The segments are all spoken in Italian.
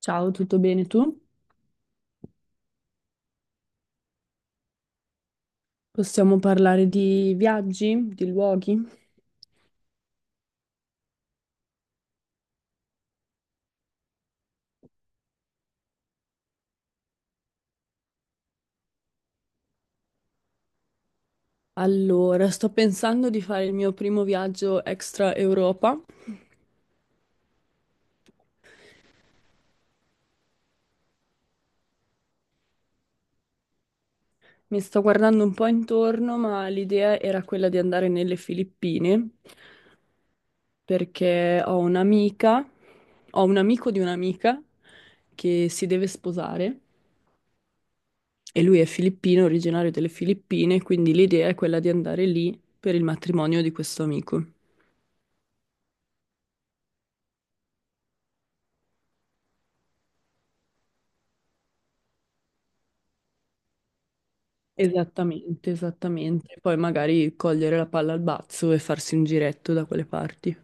Ciao, tutto bene tu? Possiamo parlare di viaggi, di luoghi? Allora, sto pensando di fare il mio primo viaggio extra Europa. Mi sto guardando un po' intorno, ma l'idea era quella di andare nelle Filippine, perché ho un'amica, ho un amico di un'amica che si deve sposare e lui è filippino, originario delle Filippine, quindi l'idea è quella di andare lì per il matrimonio di questo amico. Esattamente, esattamente. Poi magari cogliere la palla al balzo e farsi un giretto da quelle parti.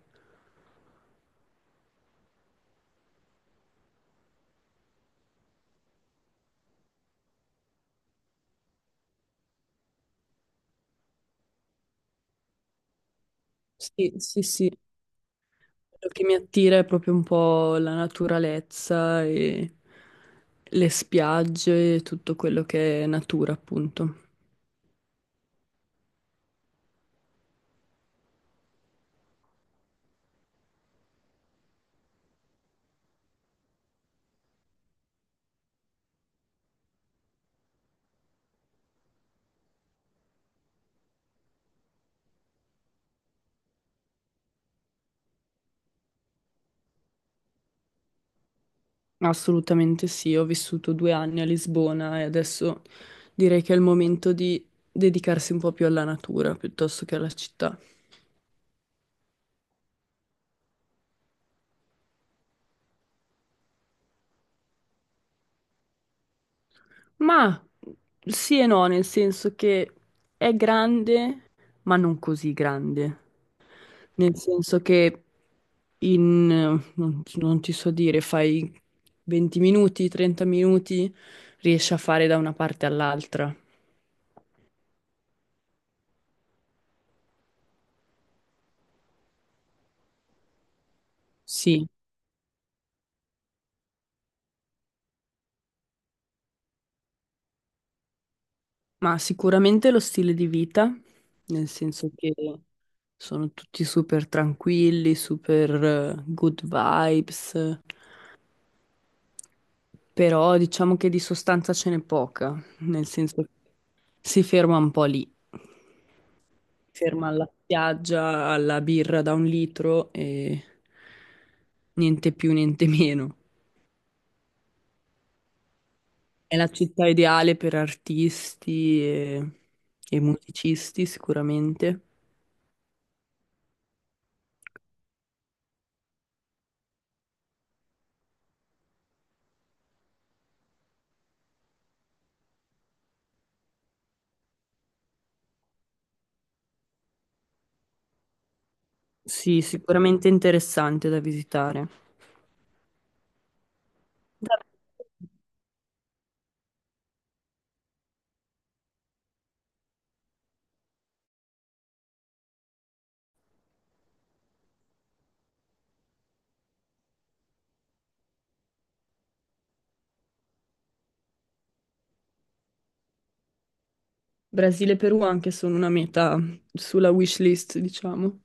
Sì, sì, sì. Quello che mi attira è proprio un po' la naturalezza e le spiagge e tutto quello che è natura, appunto. Assolutamente sì, ho vissuto due anni a Lisbona e adesso direi che è il momento di dedicarsi un po' più alla natura piuttosto che alla città. Ma sì e no, nel senso che è grande, ma non così grande. Nel senso che non ti so dire, fai 20 minuti, 30 minuti, riesci a fare da una parte all'altra. Sì, ma sicuramente lo stile di vita, nel senso che sono tutti super tranquilli, super good vibes. Però diciamo che di sostanza ce n'è poca, nel senso che si ferma un po' lì, ferma alla spiaggia, alla birra da un litro e niente più, niente meno. È la città ideale per artisti e musicisti, sicuramente. Sì, sicuramente interessante da visitare. Da- Brasile e Perù anche sono una meta sulla wish list, diciamo.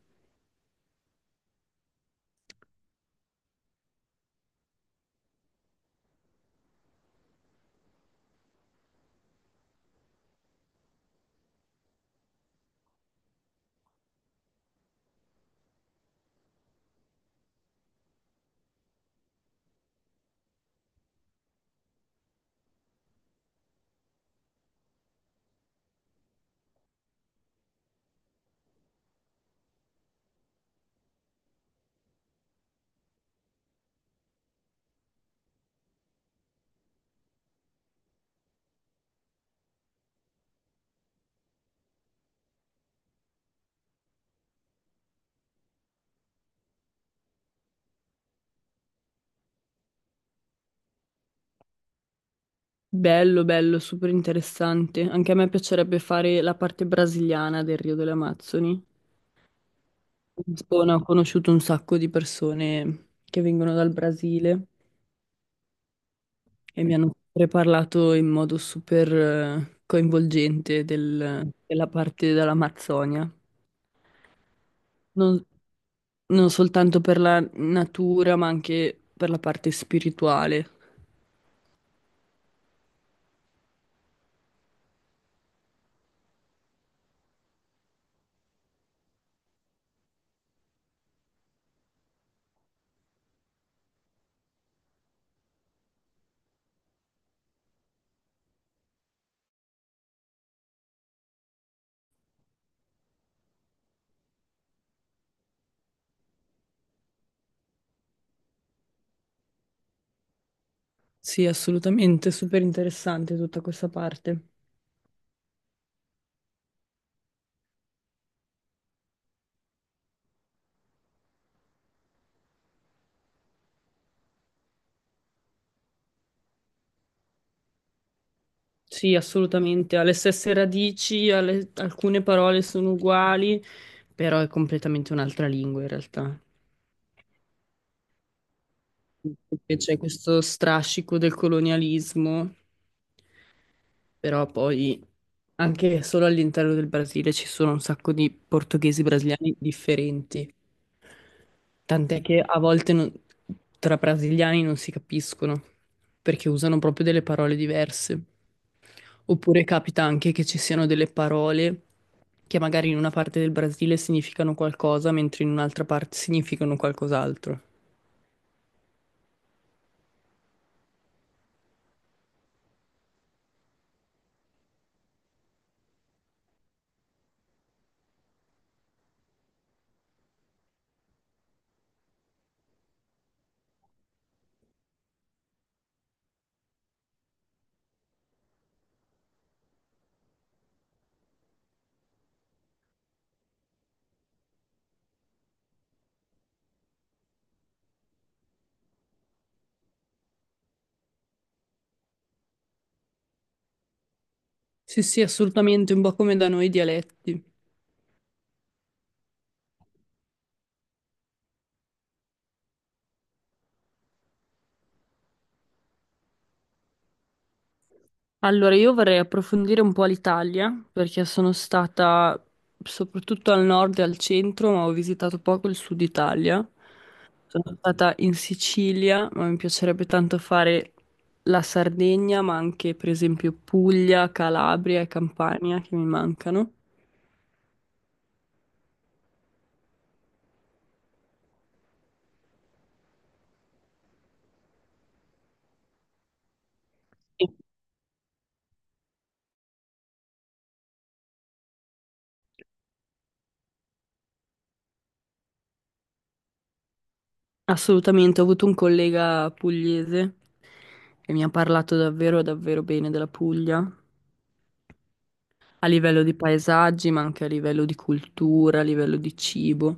Bello, bello, super interessante. Anche a me piacerebbe fare la parte brasiliana del Rio delle Amazzoni. A Lisbona ho conosciuto un sacco di persone che vengono dal Brasile e mi hanno sempre parlato in modo super coinvolgente della parte dell'Amazzonia. Non, non soltanto per la natura, ma anche per la parte spirituale. Sì, assolutamente, super interessante tutta questa parte. Sì, assolutamente, ha le stesse radici, alcune parole sono uguali, però è completamente un'altra lingua in realtà. E c'è questo strascico del colonialismo. Però poi anche solo all'interno del Brasile ci sono un sacco di portoghesi brasiliani differenti, tant'è che a volte tra brasiliani non si capiscono perché usano proprio delle parole diverse. Oppure capita anche che ci siano delle parole che magari in una parte del Brasile significano qualcosa, mentre in un'altra parte significano qualcos'altro. Sì, sì, assolutamente, un po' come da noi i dialetti. Allora, io vorrei approfondire un po' l'Italia perché sono stata soprattutto al nord e al centro, ma ho visitato poco il sud Italia. Sono stata in Sicilia, ma mi piacerebbe tanto fare la Sardegna, ma anche per esempio Puglia, Calabria e Campania che mi mancano. E assolutamente, ho avuto un collega pugliese che mi ha parlato davvero, davvero bene della Puglia, a livello di paesaggi, ma anche a livello di cultura, a livello di cibo.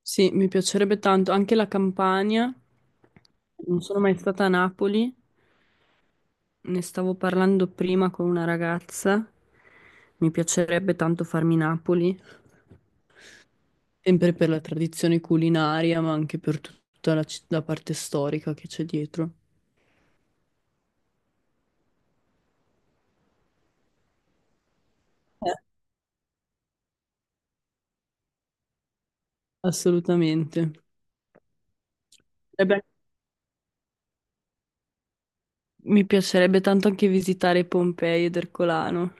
Sì, mi piacerebbe tanto, anche la Campania. Non sono mai stata a Napoli, ne stavo parlando prima con una ragazza. Mi piacerebbe tanto farmi Napoli, sempre per la tradizione culinaria, ma anche per tutta la parte storica che c'è dietro. Eh, assolutamente. E beh, mi piacerebbe tanto anche visitare Pompei ed Ercolano,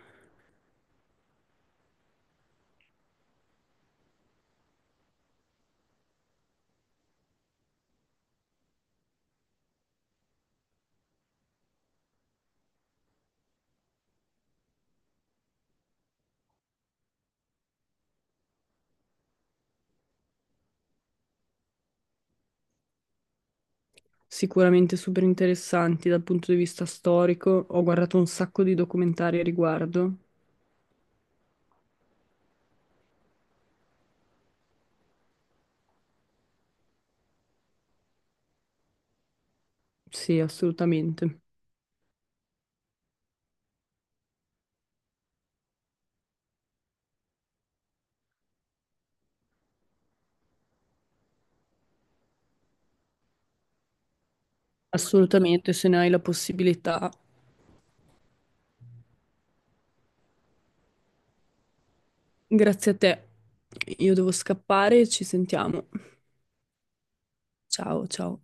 sicuramente super interessanti dal punto di vista storico. Ho guardato un sacco di documentari a riguardo. Sì, assolutamente. Assolutamente, se ne hai la possibilità. Grazie a te. Io devo scappare, ci sentiamo. Ciao, ciao.